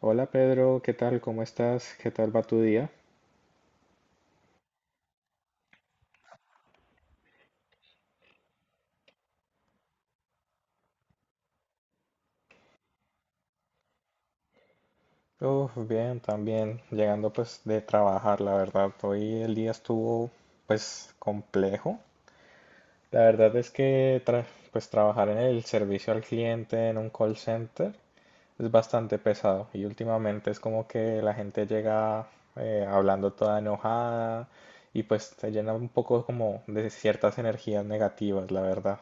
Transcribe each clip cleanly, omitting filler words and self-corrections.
Hola Pedro, ¿qué tal? ¿Cómo estás? ¿Qué tal va tu día? Uf, bien, también llegando pues de trabajar, la verdad. Hoy el día estuvo pues complejo. La verdad es que pues trabajar en el servicio al cliente en un call center es bastante pesado y últimamente es como que la gente llega hablando toda enojada y pues te llena un poco como de ciertas energías negativas, la verdad.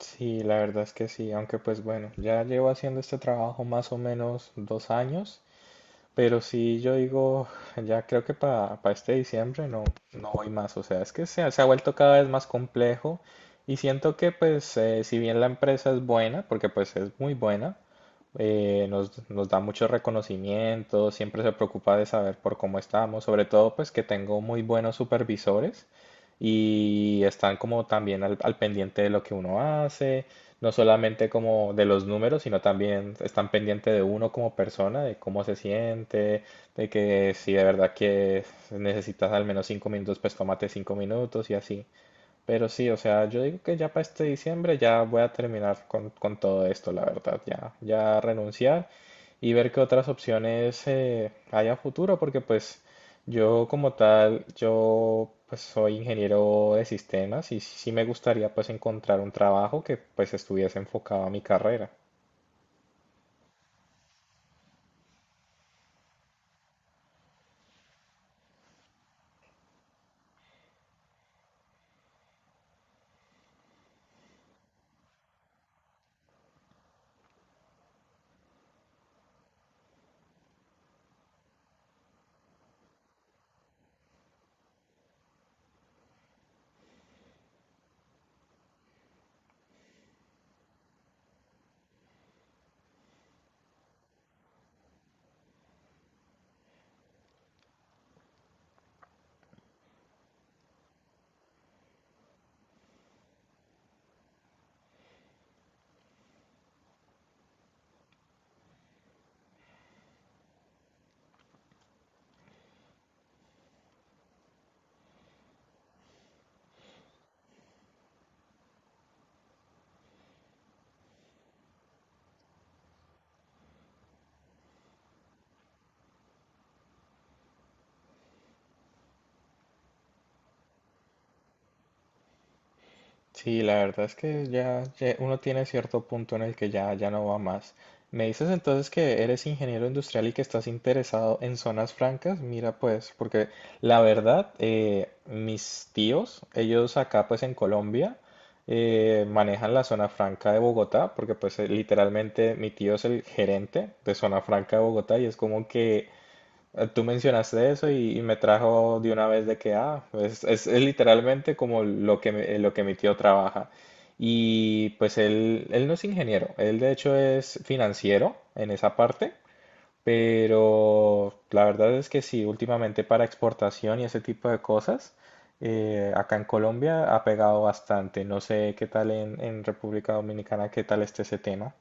Sí, la verdad es que sí, aunque pues bueno, ya llevo haciendo este trabajo más o menos 2 años, pero sí yo digo, ya creo que para este diciembre no, no voy más. O sea, es que se ha vuelto cada vez más complejo y siento que pues si bien la empresa es buena, porque pues es muy buena, nos da mucho reconocimiento, siempre se preocupa de saber por cómo estamos, sobre todo pues que tengo muy buenos supervisores y están como también al pendiente de lo que uno hace, no solamente como de los números, sino también están pendientes de uno como persona, de cómo se siente, de que si de verdad que necesitas al menos 5 minutos, pues tómate 5 minutos y así. Pero sí, o sea, yo digo que ya para este diciembre ya voy a terminar con todo esto, la verdad, ya, ya renunciar y ver qué otras opciones hay a futuro, porque pues yo como tal, yo pues soy ingeniero de sistemas y sí me gustaría pues encontrar un trabajo que pues estuviese enfocado a mi carrera. Sí, la verdad es que ya, ya uno tiene cierto punto en el que ya, ya no va más. Me dices entonces que eres ingeniero industrial y que estás interesado en zonas francas. Mira, pues, porque la verdad, mis tíos, ellos acá pues en Colombia, manejan la zona franca de Bogotá, porque pues literalmente mi tío es el gerente de zona franca de Bogotá y es como que Tú mencionaste eso y me trajo de una vez de que, ah, es literalmente como lo que, lo que mi tío trabaja. Y pues él no es ingeniero, él de hecho es financiero en esa parte, pero la verdad es que sí, últimamente para exportación y ese tipo de cosas, acá en Colombia ha pegado bastante. No sé qué tal en República Dominicana, qué tal esté ese tema.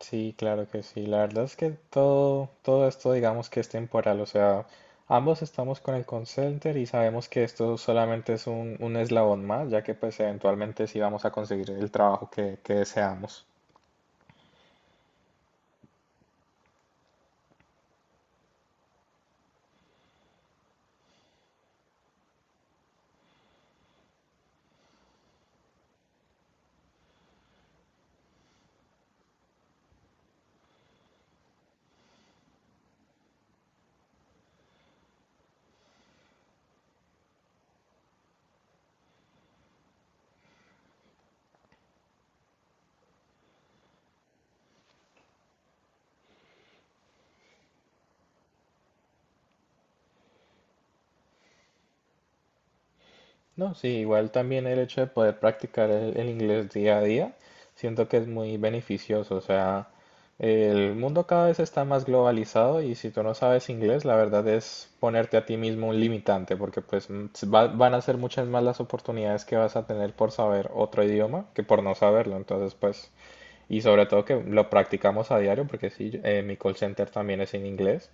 Sí, claro que sí. La verdad es que todo, todo esto digamos que es temporal. O sea, ambos estamos con el call center y sabemos que esto solamente es un eslabón más, ya que pues eventualmente sí vamos a conseguir el trabajo que deseamos. No, sí, igual también el hecho de poder practicar el inglés día a día, siento que es muy beneficioso. O sea, el mundo cada vez está más globalizado y si tú no sabes inglés, la verdad es ponerte a ti mismo un limitante, porque pues van a ser muchas más las oportunidades que vas a tener por saber otro idioma que por no saberlo. Entonces, pues, y sobre todo que lo practicamos a diario, porque sí, mi call center también es en inglés.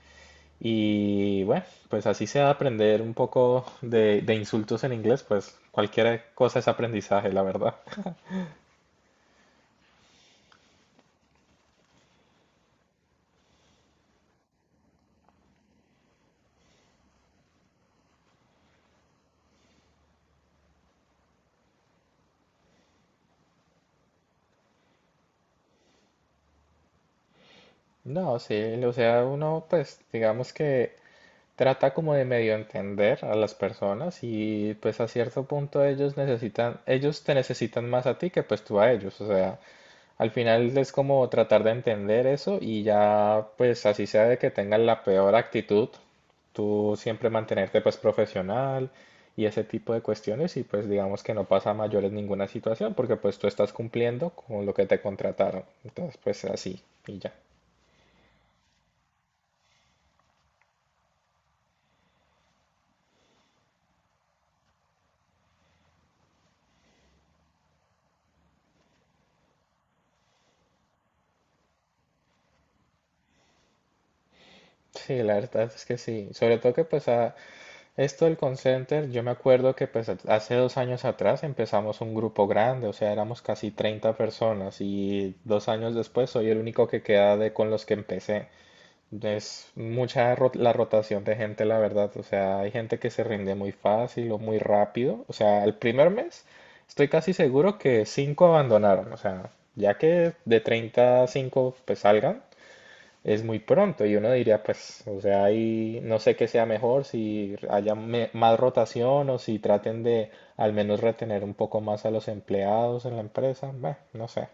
Y bueno, pues así sea aprender un poco de insultos en inglés, pues cualquier cosa es aprendizaje, la verdad. No, sí, o sea, uno pues digamos que trata como de medio entender a las personas y pues a cierto punto ellos necesitan, ellos te necesitan más a ti que pues tú a ellos. O sea, al final es como tratar de entender eso y ya, pues así sea de que tengan la peor actitud, tú siempre mantenerte pues profesional y ese tipo de cuestiones, y pues digamos que no pasa a mayores ninguna situación porque pues tú estás cumpliendo con lo que te contrataron. Entonces pues así y ya. Sí, la verdad es que sí. Sobre todo que pues esto del Concenter, yo me acuerdo que pues hace 2 años atrás empezamos un grupo grande, o sea, éramos casi 30 personas y 2 años después soy el único que queda de con los que empecé. Es mucha la rotación de gente, la verdad, o sea, hay gente que se rinde muy fácil o muy rápido. O sea, el primer mes estoy casi seguro que cinco abandonaron. O sea, ya que de 30 a 5 pues salgan, es muy pronto, y uno diría, pues, o sea, ahí no sé qué sea mejor, si haya más rotación o si traten de al menos retener un poco más a los empleados en la empresa. Bah, no sé.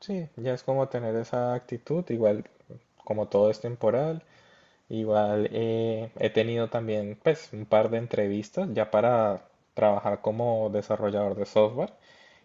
Sí, ya es como tener esa actitud, igual como todo es temporal. Igual he tenido también pues un par de entrevistas ya para trabajar como desarrollador de software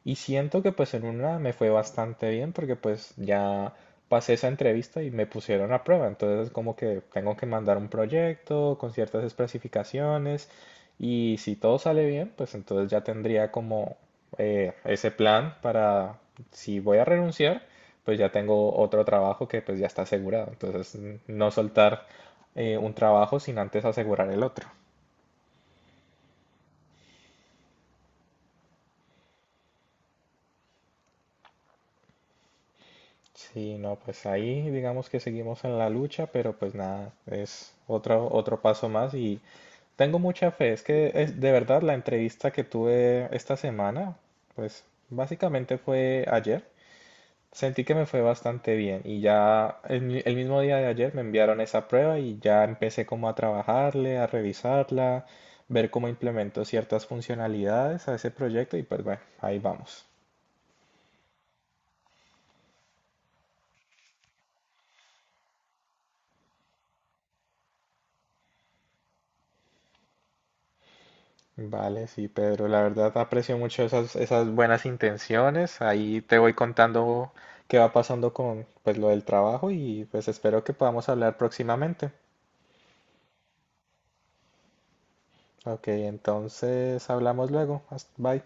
y siento que pues en una me fue bastante bien porque pues ya pasé esa entrevista y me pusieron a prueba. Entonces como que tengo que mandar un proyecto con ciertas especificaciones y si todo sale bien pues entonces ya tendría como ese plan para si voy a renunciar, pues ya tengo otro trabajo que pues ya está asegurado. Entonces no soltar un trabajo sin antes asegurar el otro. Sí, no, pues ahí digamos que seguimos en la lucha, pero pues nada, es otro paso más y tengo mucha fe. Es que es, de verdad la entrevista que tuve esta semana, pues básicamente fue ayer, sentí que me fue bastante bien y ya el mismo día de ayer me enviaron esa prueba y ya empecé como a trabajarle, a revisarla, ver cómo implemento ciertas funcionalidades a ese proyecto y pues bueno, ahí vamos. Vale, sí, Pedro. La verdad aprecio mucho esas buenas intenciones. Ahí te voy contando qué va pasando con pues lo del trabajo y pues espero que podamos hablar próximamente. Ok, entonces hablamos luego. Bye.